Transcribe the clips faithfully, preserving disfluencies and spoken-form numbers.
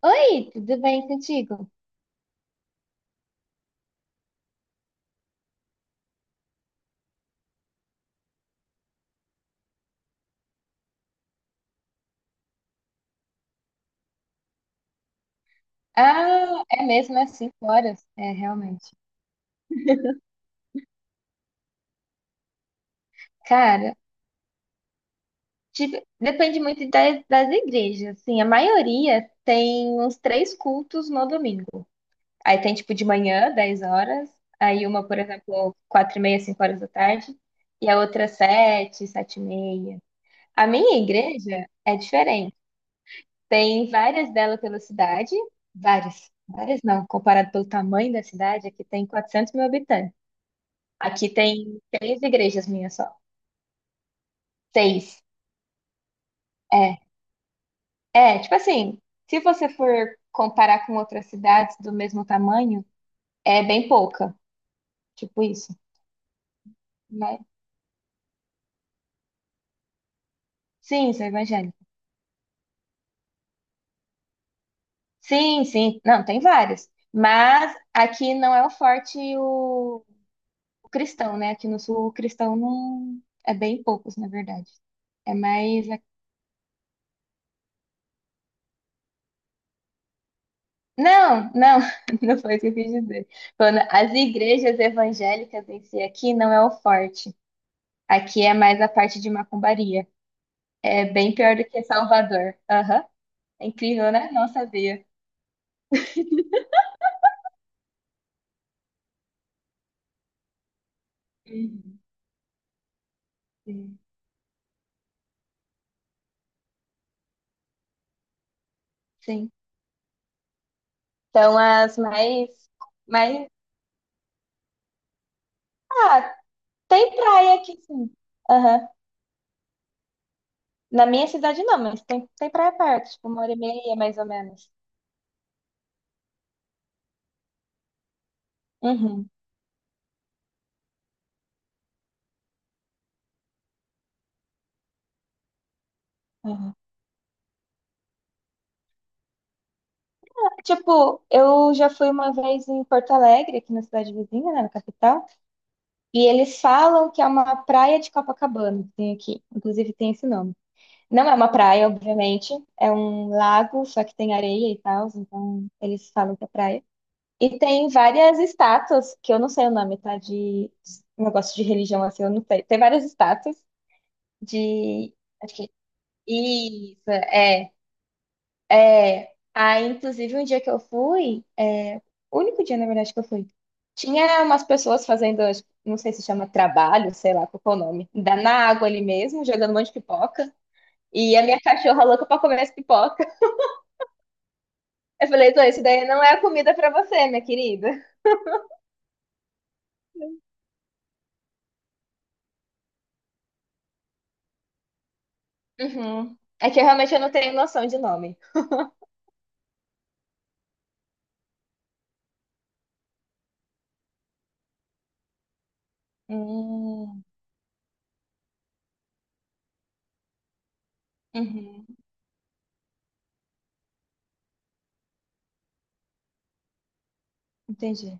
Oi, tudo bem contigo? Ah, é mesmo, é cinco horas. É, realmente. Cara, tipo, depende muito da- das, igrejas. Assim, a maioria tem uns três cultos no domingo. Aí tem, tipo, de manhã, dez horas. Aí uma, por exemplo, quatro e meia, cinco horas da tarde. E a outra, sete, sete e meia. A minha igreja é diferente. Tem várias dela pela cidade. Várias. Várias não, comparado pelo tamanho da cidade, aqui tem quatrocentos mil habitantes. Aqui tem três igrejas minhas só. Seis. É. É, tipo assim, se você for comparar com outras cidades do mesmo tamanho, é bem pouca. Tipo isso, né? Sim, sou evangélica. Sim, sim. Não, tem várias. Mas aqui não é o forte o, o cristão, né? Aqui no sul, o cristão não. É bem poucos, na verdade. É mais. a- Não, não, não foi isso que eu quis dizer. Quando as igrejas evangélicas em si aqui não é o forte. Aqui é mais a parte de macumbaria. É bem pior do que Salvador. Aham. É incrível, né? Não sabia. Uhum. Sim. Sim. Então, as mais, mais. Ah, tem praia aqui, sim. Aham. Na minha cidade não, mas tem, tem praia perto, tipo, uma hora e meia, mais ou menos. Uhum. Uhum. Tipo, eu já fui uma vez em Porto Alegre, aqui na cidade vizinha, né, na capital, e eles falam que é uma praia de Copacabana, que tem aqui. Inclusive tem esse nome. Não é uma praia, obviamente, é um lago, só que tem areia e tal, então eles falam que é praia. E tem várias estátuas, que eu não sei o nome, tá? De negócio de religião, assim, eu não sei. Tem várias estátuas de. Acho que. Isso, é. É. Aí, inclusive, um dia que eu fui, é, o único dia, na verdade, que eu fui, tinha umas pessoas fazendo, acho- não sei se chama trabalho, sei lá qual que é o nome, da- na água ali mesmo, jogando um monte de pipoca. E a minha cachorra louca pra comer as pipocas. Eu falei, então, isso daí não é a comida pra você, minha querida. Uhum. É que eu realmente eu não tenho noção de nome. Hum, uhum, entendi.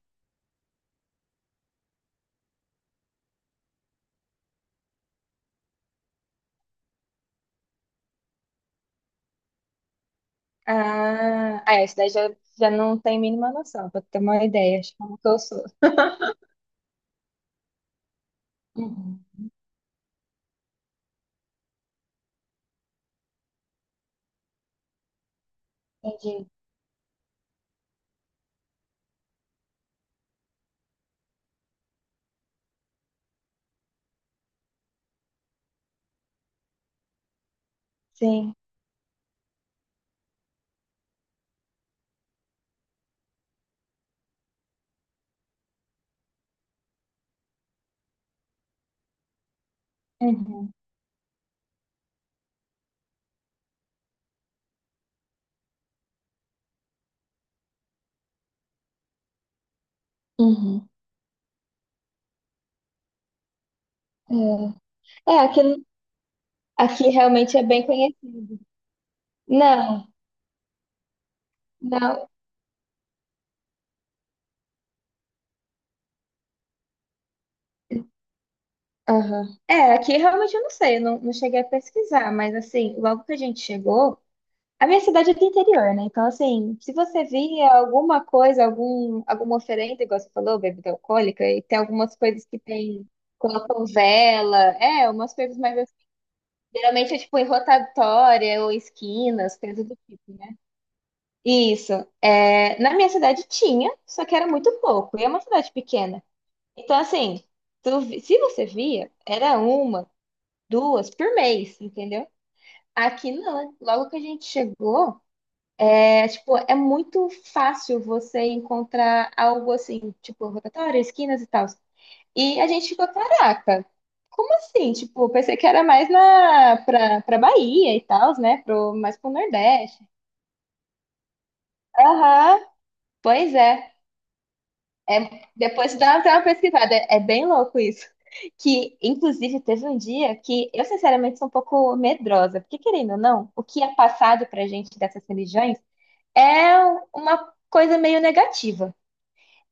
Ah, é, isso daí já, já não tem mínima noção, pra ter uma ideia de como que eu sou. Uhum, entendi. Sim. Uhum, uhum. É, é aqui, aqui realmente é bem conhecido. Não, não. Aham. É, aqui realmente eu não sei, eu não, não cheguei a pesquisar, mas assim, logo que a gente chegou. A minha cidade é do interior, né? Então, assim, se você via alguma coisa, algum, alguma oferenda, igual você falou, bebida alcoólica, e tem algumas coisas que tem, colocam vela, é, umas coisas mais. Assim. Geralmente é tipo em rotatória ou esquinas, coisas do tipo, né? Isso. É, na minha cidade tinha, só que era muito pouco, e é uma cidade pequena. Então, assim, tu vi- se você via, era uma, duas por mês, entendeu? Aqui não. Logo que a gente chegou. É, tipo, é muito fácil você encontrar algo assim, tipo, rotatória, esquinas e tal. E a gente ficou, caraca, como assim? Tipo, pensei que era mais na, pra, pra Bahia e tal, né? Pro, mais pro Nordeste. Aham, pois é. É, depois dá até uma pesquisada. É, é bem louco isso. Que, inclusive, teve um dia que eu, sinceramente, sou um pouco medrosa. Porque, querendo ou não, o que é passado pra gente dessas religiões é uma coisa meio negativa.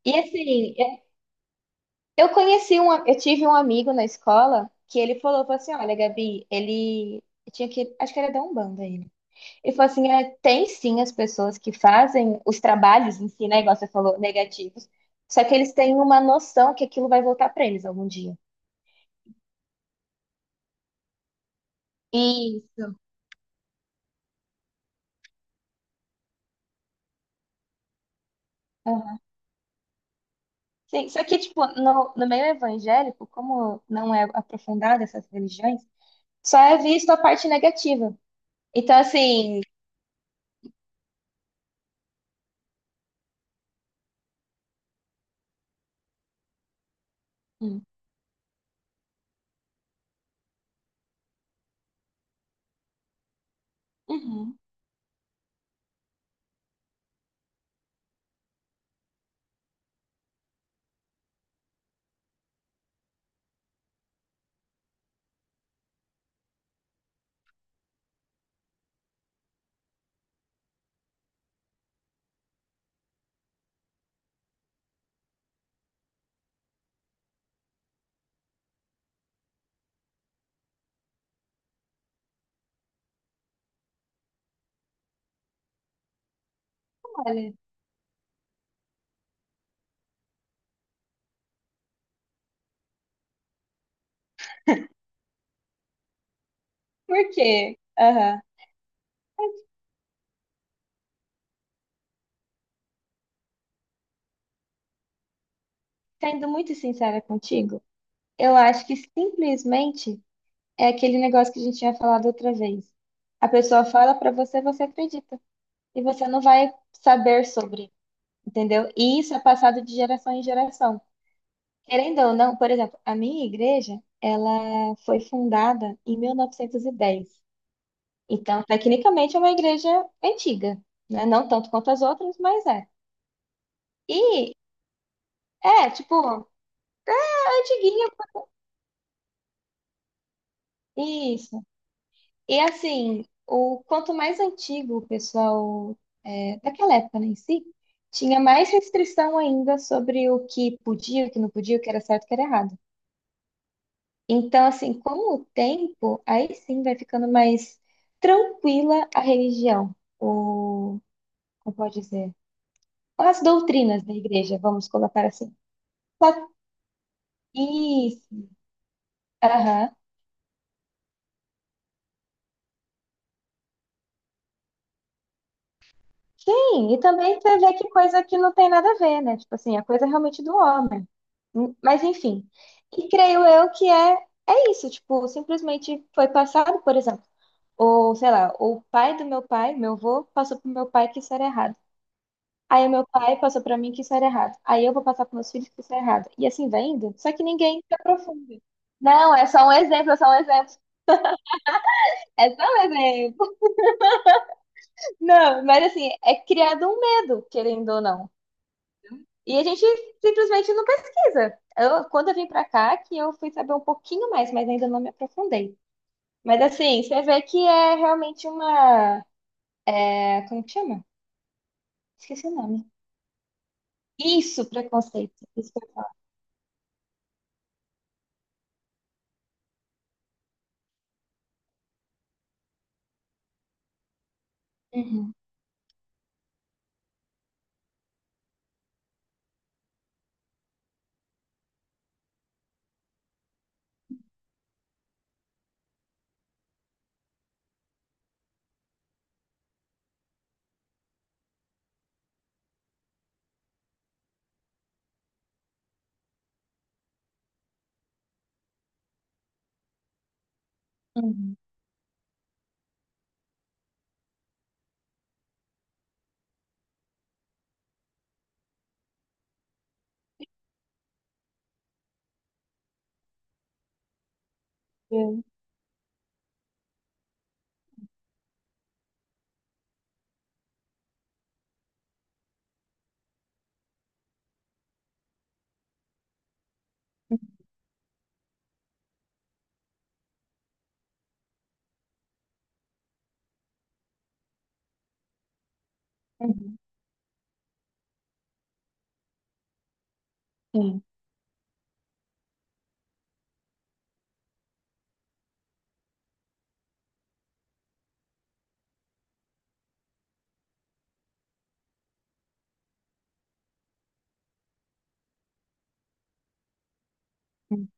E assim, eu eu conheci um, eu tive um amigo na escola que ele falou, falou assim, olha, Gabi, ele tinha que, acho que era da Umbanda ele. Ele falou assim, é, tem sim as pessoas que fazem os trabalhos em si, né, igual você falou, negativos, só que eles têm uma noção que aquilo vai voltar pra eles algum dia. E aham. Sim, só que tipo, no, no meio evangélico, como não é aprofundada essas religiões, só é visto a parte negativa. Então assim, hum, uhum, olha, por quê? Aham. Sendo muito sincera contigo, eu acho que simplesmente é aquele negócio que a gente tinha falado outra vez. A pessoa fala pra você, você acredita. E você não vai saber sobre, entendeu? E isso é passado de geração em geração. Querendo ou não, por exemplo, a minha igreja, ela foi fundada em mil novecentos e dez. Então, tecnicamente, é uma igreja antiga, né? Não tanto quanto as outras, mas é. E, é, tipo, é antiguinha. Isso. E assim, o quanto mais antigo o pessoal é, daquela época né, em si, tinha mais restrição ainda sobre o que podia, o que não podia, o que era certo, o que era errado. Então, assim, com o tempo, aí sim vai ficando mais tranquila a religião, ou como pode dizer, as doutrinas da igreja, vamos colocar assim. Só- Isso, aham. Sim, e também você vê que coisa que não tem nada a ver, né? Tipo assim, a coisa é realmente do homem. Mas enfim. E creio eu que é, é isso, tipo, simplesmente foi passado, por exemplo, ou sei lá, o pai do meu pai, meu avô, passou pro meu pai que isso era errado. Aí o meu pai passou pra mim que isso era errado. Aí eu vou passar pros meus filhos que isso é errado. E assim vai indo. Só que ninguém se aprofunda. Não, é só um exemplo, é só um exemplo. É só um exemplo. Não, mas assim, é criado um medo, querendo ou não. E a gente simplesmente não pesquisa. Eu, quando eu vim pra cá, que eu fui saber um pouquinho mais, mas ainda não me aprofundei. Mas assim, você vê que é realmente uma. É, como que chama? Esqueci o nome. Isso, preconceito. Isso que eu falo. Uhum, uhum, eu- uhum, uhum, uhum,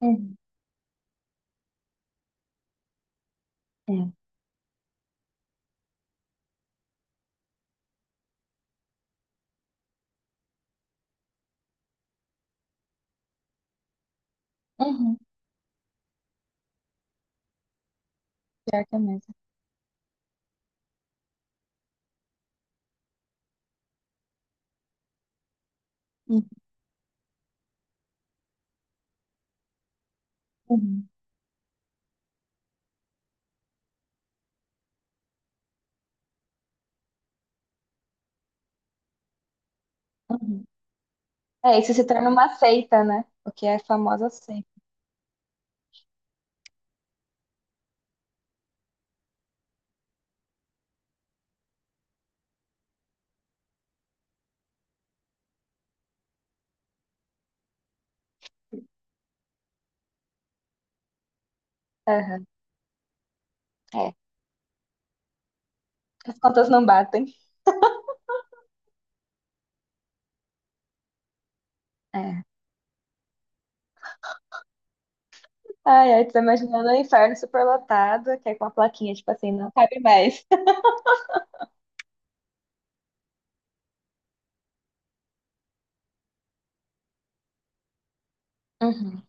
uhum, uhum, uhum. Pior que é mesmo. Uhum, uhum, uhum. É, isso se torna uma seita, né? O que é a famosa seita. Aham, é. As contas não batem. É. Ai, ai, tô imaginando um inferno superlotado, que é com a plaquinha, tipo assim, não cabe mais. Uhum,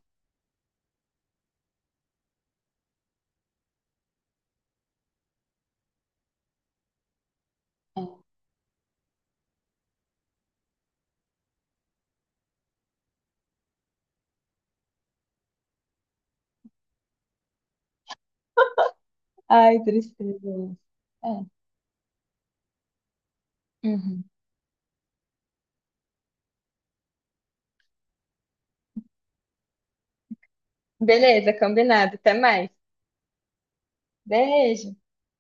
é. Ai, tristeza. É. Uhum. Beleza, combinado. Até mais. Beijo.